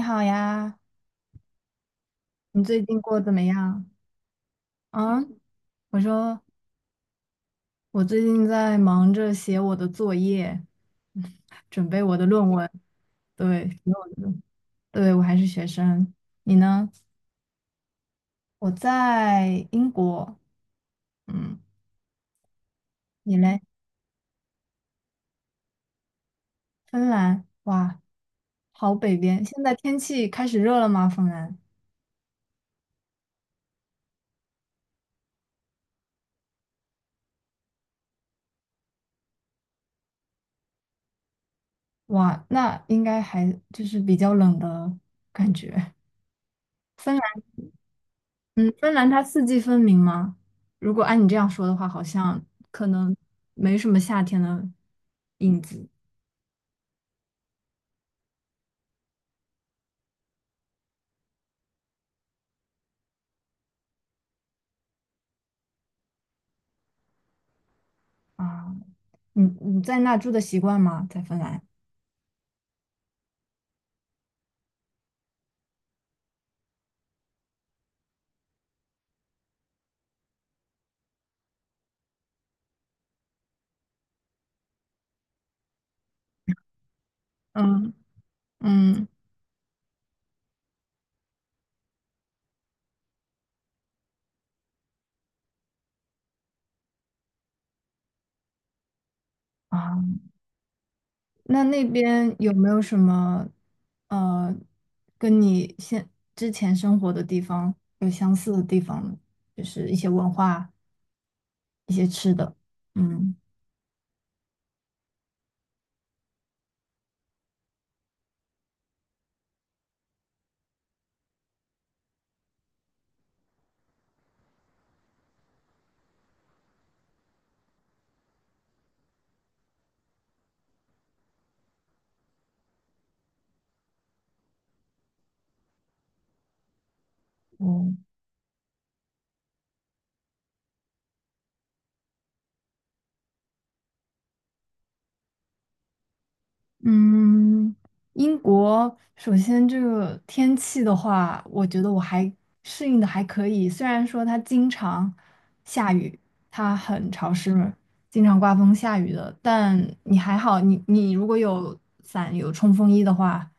你好呀，你最近过得怎么样？啊，我说我最近在忙着写我的作业，准备我的论文。对，写我的论对，我还是学生。你呢？我在英国，嗯，你嘞？芬兰，哇，好北边。现在天气开始热了吗？芬兰，哇，那应该还就是比较冷的感觉。芬。嗯，芬兰它四季分明吗？如果按你这样说的话，好像可能没什么夏天的影子。啊，你在那住的习惯吗？在芬兰？嗯。嗯。啊，那边有没有什么呃，跟你之前生活的地方有相似的地方呢？就是一些文化、一些吃的。嗯。哦。嗯，英国首先这个天气的话，我觉得我还适应的还可以。虽然说它经常下雨，它很潮湿，经常刮风下雨的，但你还好，你如果有伞有冲锋衣的话，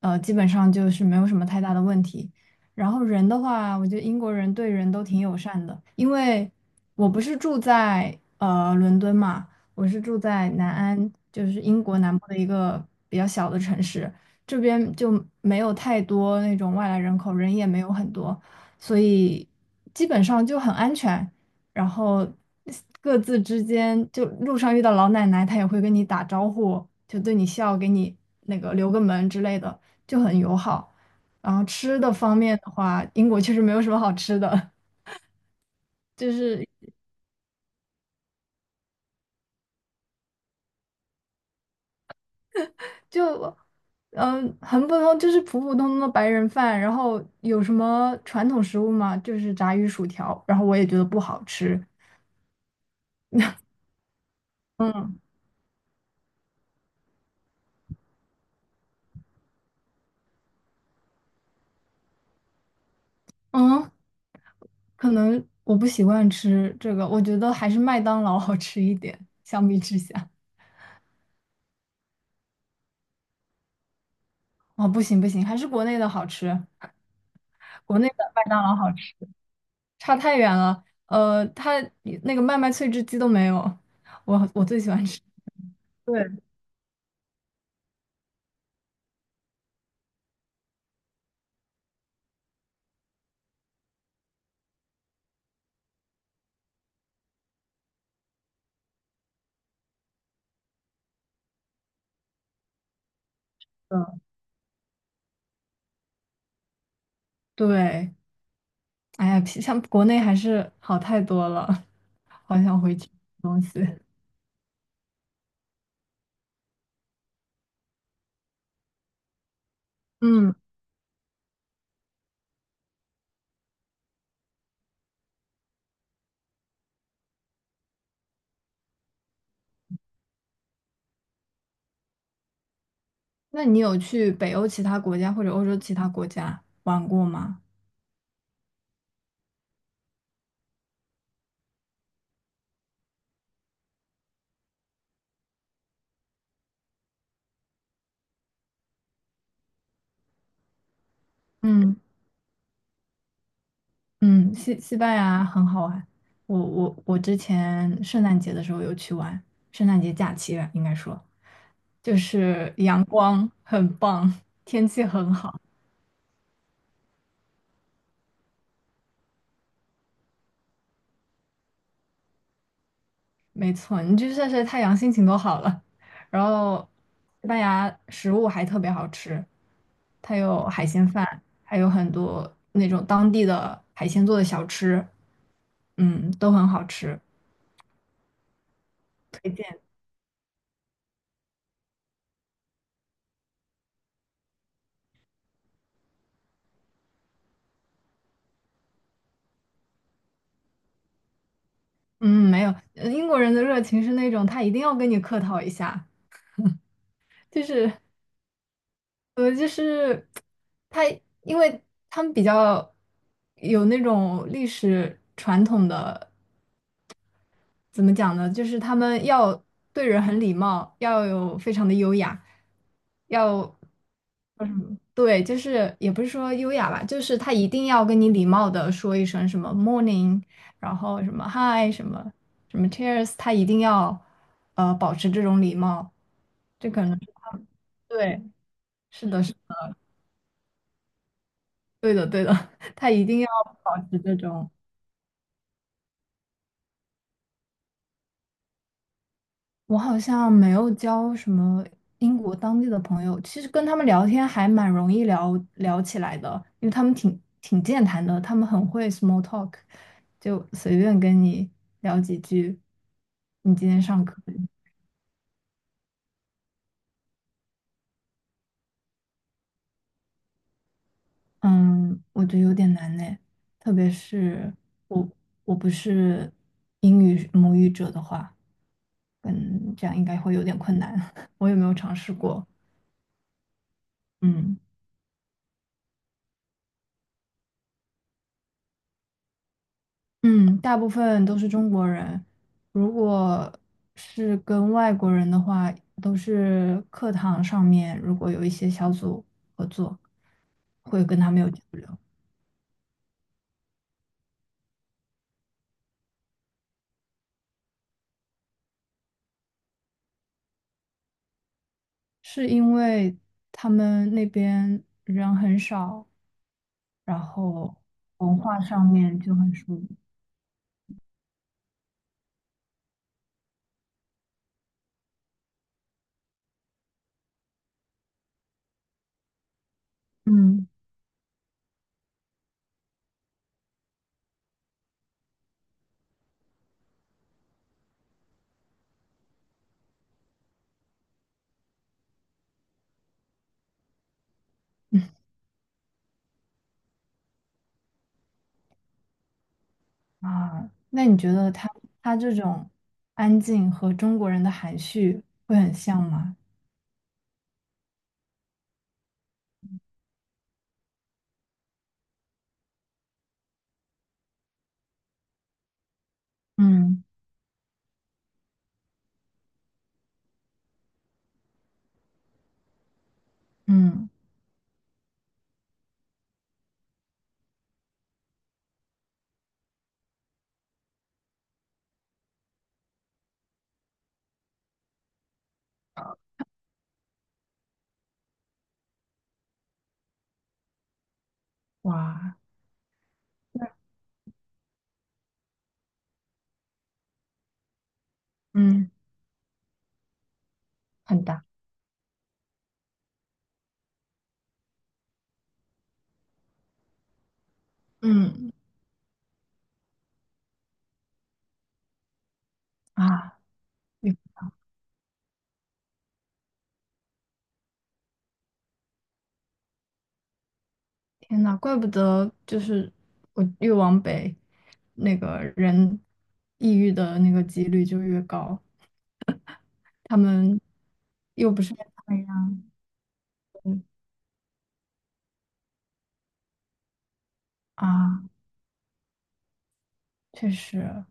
基本上就是没有什么太大的问题。然后人的话，我觉得英国人对人都挺友善的，因为我不是住在伦敦嘛。我是住在南安，就是英国南部的一个比较小的城市，这边就没有太多那种外来人口，人也没有很多，所以基本上就很安全。然后各自之间，就路上遇到老奶奶，她也会跟你打招呼，就对你笑，给你那个留个门之类的，就很友好。然后吃的方面的话，英国确实没有什么好吃的，就是。就很普通，就是普普通通的白人饭。然后有什么传统食物吗？就是炸鱼薯条，然后我也觉得不好吃。嗯。嗯，可能我不习惯吃这个，我觉得还是麦当劳好吃一点，相比之下。哦，不行不行，还是国内的好吃，国内的麦当劳好吃，差太远了。它那个麦麦脆汁鸡都没有，我最喜欢吃。对。嗯。对。哎呀，比像国内还是好太多了，好想回去吃东西。嗯，那你有去北欧其他国家或者欧洲其他国家玩过吗？嗯。嗯，西班牙很好玩，我之前圣诞节的时候有去玩，圣诞节假期吧，应该说，就是阳光很棒，天气很好。没错，你去晒晒太阳，心情都好了。然后，西班牙食物还特别好吃，它有海鲜饭，还有很多那种当地的海鲜做的小吃，嗯，都很好吃，推荐。嗯，没有，英国人的热情是那种他一定要跟你客套一下，就是就是他，因为他们比较有那种历史传统的怎么讲呢？就是他们要对人很礼貌，要有非常的优雅，要叫什么？对，就是也不是说优雅吧，就是他一定要跟你礼貌的说一声什么 morning，然后什么 hi，什么 cheers，他一定要保持这种礼貌。这可能是他们对，是的，是对的，对的，他一定要保持这种。我好像没有交什么英国当地的朋友，其实跟他们聊天还蛮容易聊聊起来的，因为他们挺健谈的，他们很会 small talk，就随便跟你聊几句。你今天上课，嗯，我觉得有点难呢，特别是我我不是英语母语者的话，嗯，这样应该会有点困难。我也没有尝试过，嗯。嗯，大部分都是中国人，如果是跟外国人的话，都是课堂上面如果有一些小组合作，会跟他们有交流。是因为他们那边人很少，然后文化上面就很疏离。嗯。啊，那你觉得他这种安静和中国人的含蓄会很像吗？嗯。嗯，哇，嗯很大。嗯。啊，哟，天呐，怪不得就是我越往北，那个人抑郁的那个几率就越高。他们又不是。啊，确实。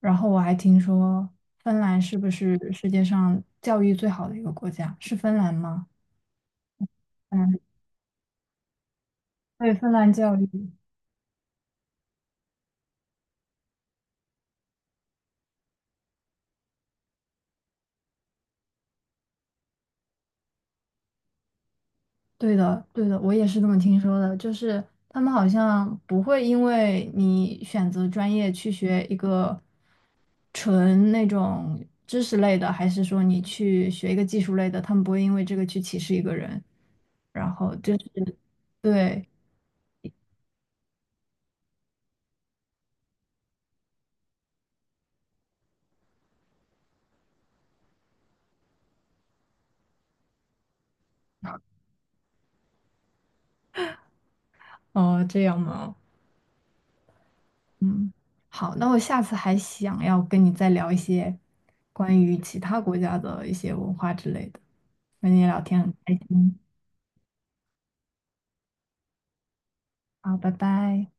然后我还听说芬兰是不是世界上教育最好的一个国家？是芬兰吗？嗯，对，芬兰教育。对的，对的，我也是这么听说的。就是他们好像不会因为你选择专业去学一个纯那种知识类的，还是说你去学一个技术类的，他们不会因为这个去歧视一个人。然后就是，对，哦，这样吗？好，那我下次还想要跟你再聊一些关于其他国家的一些文化之类的，跟你聊天很开心。好，拜拜。